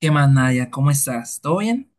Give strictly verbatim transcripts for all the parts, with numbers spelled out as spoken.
¿Qué más, Nadia? ¿Cómo estás? ¿Todo bien?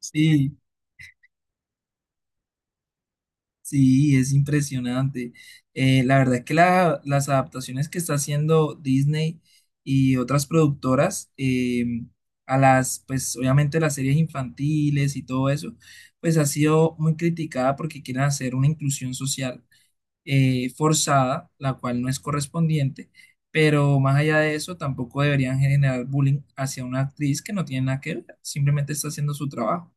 Sí, sí, es impresionante. Eh, la verdad es que la- las adaptaciones que está haciendo Disney y otras productoras eh, a las, pues obviamente las series infantiles y todo eso, pues ha sido muy criticada porque quieren hacer una inclusión social eh, forzada, la cual no es correspondiente, pero más allá de eso, tampoco deberían generar bullying hacia una actriz que no tiene nada que ver, simplemente está haciendo su trabajo.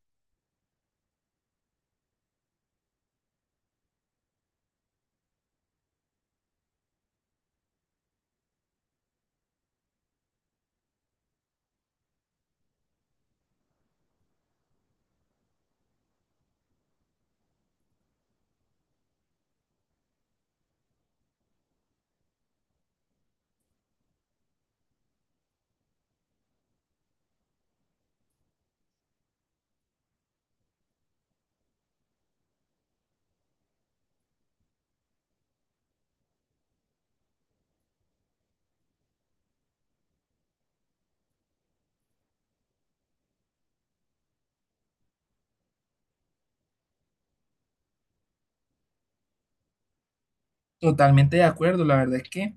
Totalmente de acuerdo. La verdad es que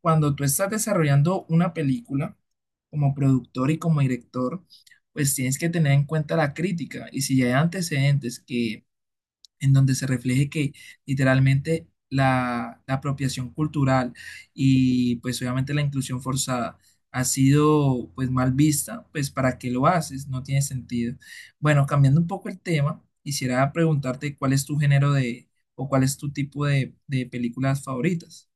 cuando tú estás desarrollando una película como productor y como director, pues tienes que tener en cuenta la crítica. Y si hay antecedentes que en donde se refleje que literalmente la, la apropiación cultural y pues obviamente la inclusión forzada ha sido pues mal vista, pues ¿para qué lo haces? No tiene sentido. Bueno, cambiando un poco el tema, quisiera preguntarte cuál es tu género de o cuál es tu tipo de, de películas favoritas.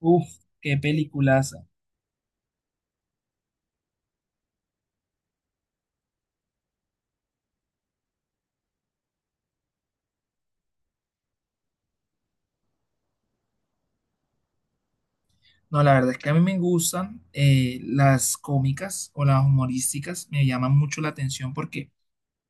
Uf, qué películas. No, la verdad es que a mí me gustan eh, las cómicas o las humorísticas, me llaman mucho la atención porque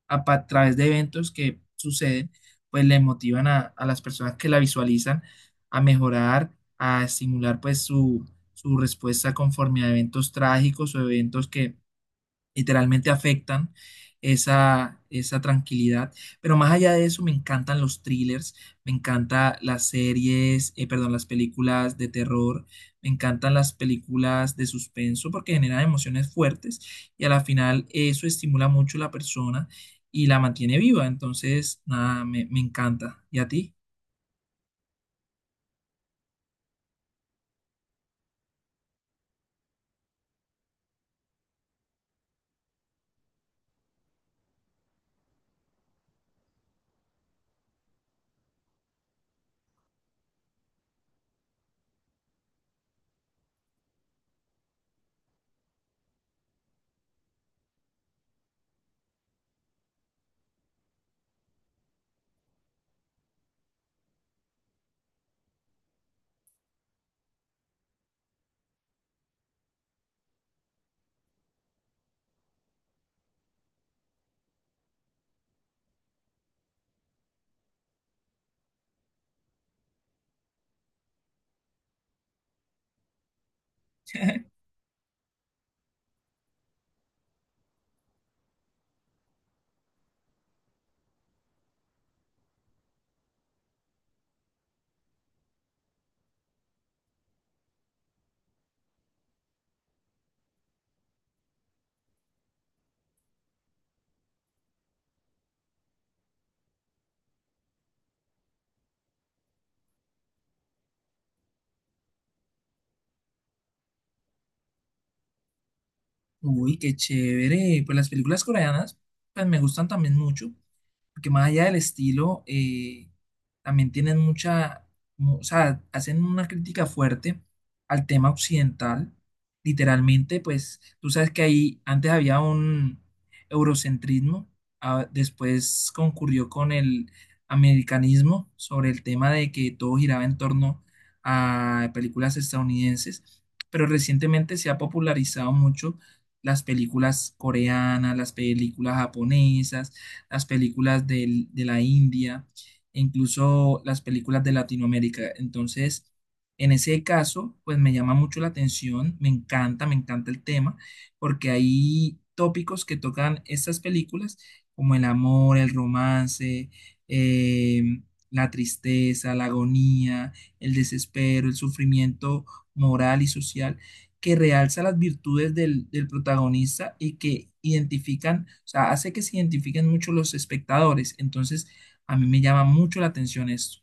a, pa- a través de eventos que suceden, pues le motivan a, a las personas que la visualizan a mejorar, a estimular pues su, su respuesta conforme a eventos trágicos o eventos que literalmente afectan esa, esa tranquilidad. Pero más allá de eso, me encantan los thrillers, me encantan las series, eh, perdón, las películas de terror, me encantan las películas de suspenso porque generan emociones fuertes y a la final eso estimula mucho a la persona y la mantiene viva. Entonces, nada, me, me encanta. ¿Y a ti? Uy, qué chévere. Pues las películas coreanas, pues me gustan también mucho. Porque más allá del estilo, eh, también tienen mucha, mu- o sea, hacen una crítica fuerte al tema occidental. Literalmente, pues tú sabes que ahí antes había un eurocentrismo, ah, después concurrió con el americanismo sobre el tema de que todo giraba en torno a películas estadounidenses, pero recientemente se ha popularizado mucho las películas coreanas, las películas japonesas las películas del- de la India, e incluso las películas de Latinoamérica. Entonces, en ese caso, pues me llama mucho la atención, me encanta, me encanta el tema, porque hay tópicos que tocan estas películas, como el amor, el romance, em, la tristeza, la agonía, el desespero, el sufrimiento moral y social que realza las virtudes del, del protagonista y que identifican, o sea, hace que se identifiquen mucho los espectadores. Entonces, a mí me llama mucho la atención esto.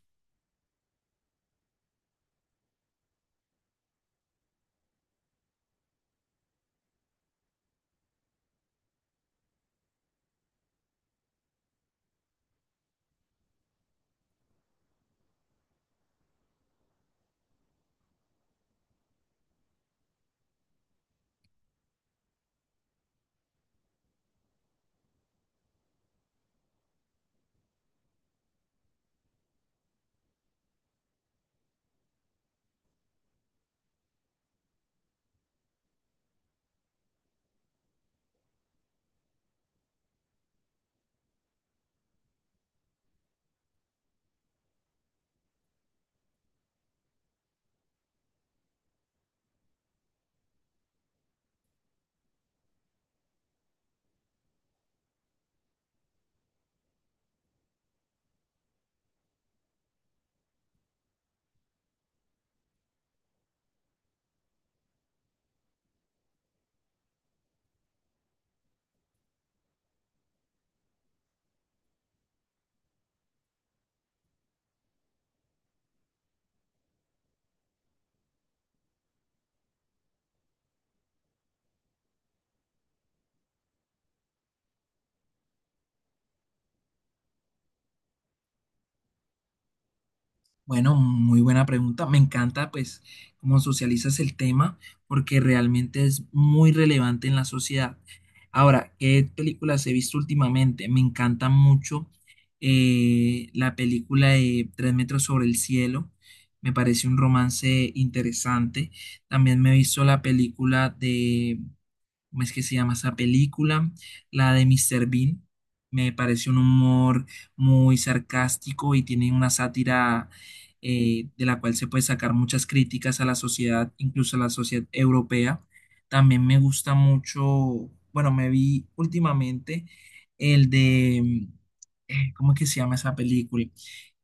Bueno, muy buena pregunta. Me encanta, pues, cómo socializas el tema, porque realmente es muy relevante en la sociedad. Ahora, ¿qué películas he visto últimamente? Me encanta mucho eh, la película de Tres metros sobre el cielo. Me parece un romance interesante. También me he visto la película ¿cómo es que se llama esa película? La de mister Bean. Me parece un humor muy sarcástico y tiene una sátira eh, de la cual se puede sacar muchas críticas a la sociedad, incluso a la sociedad europea. También me gusta mucho, bueno, me vi últimamente el de, eh, ¿cómo es que se llama esa película?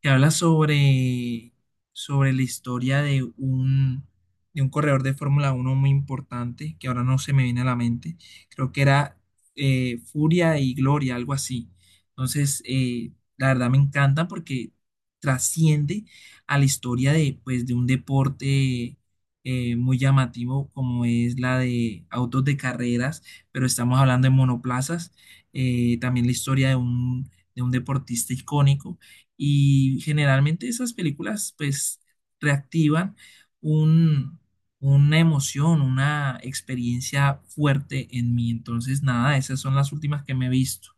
Que habla sobre, sobre la historia de un de un corredor de Fórmula uno muy importante, que ahora no se me viene a la mente. Creo que era eh, Furia y Gloria, algo así. Entonces, eh, la verdad me encanta porque trasciende a la historia de, pues, de un deporte eh, muy llamativo como es la de autos de carreras, pero estamos hablando de monoplazas, eh, también la historia de un, de un deportista icónico y generalmente esas películas pues reactivan un, una emoción, una experiencia fuerte en mí. Entonces, nada, esas son las últimas que me he visto.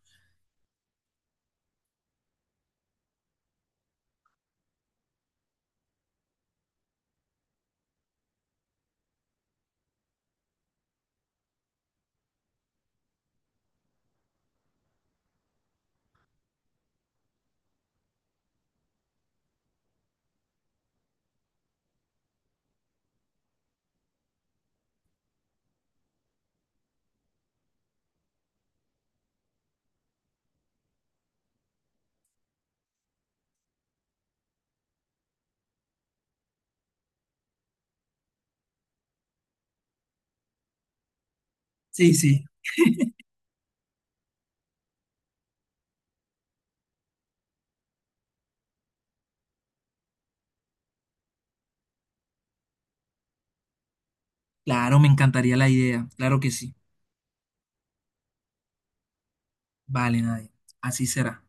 Sí, sí, claro, me encantaría la idea, claro que sí. Vale, Nadia, así será.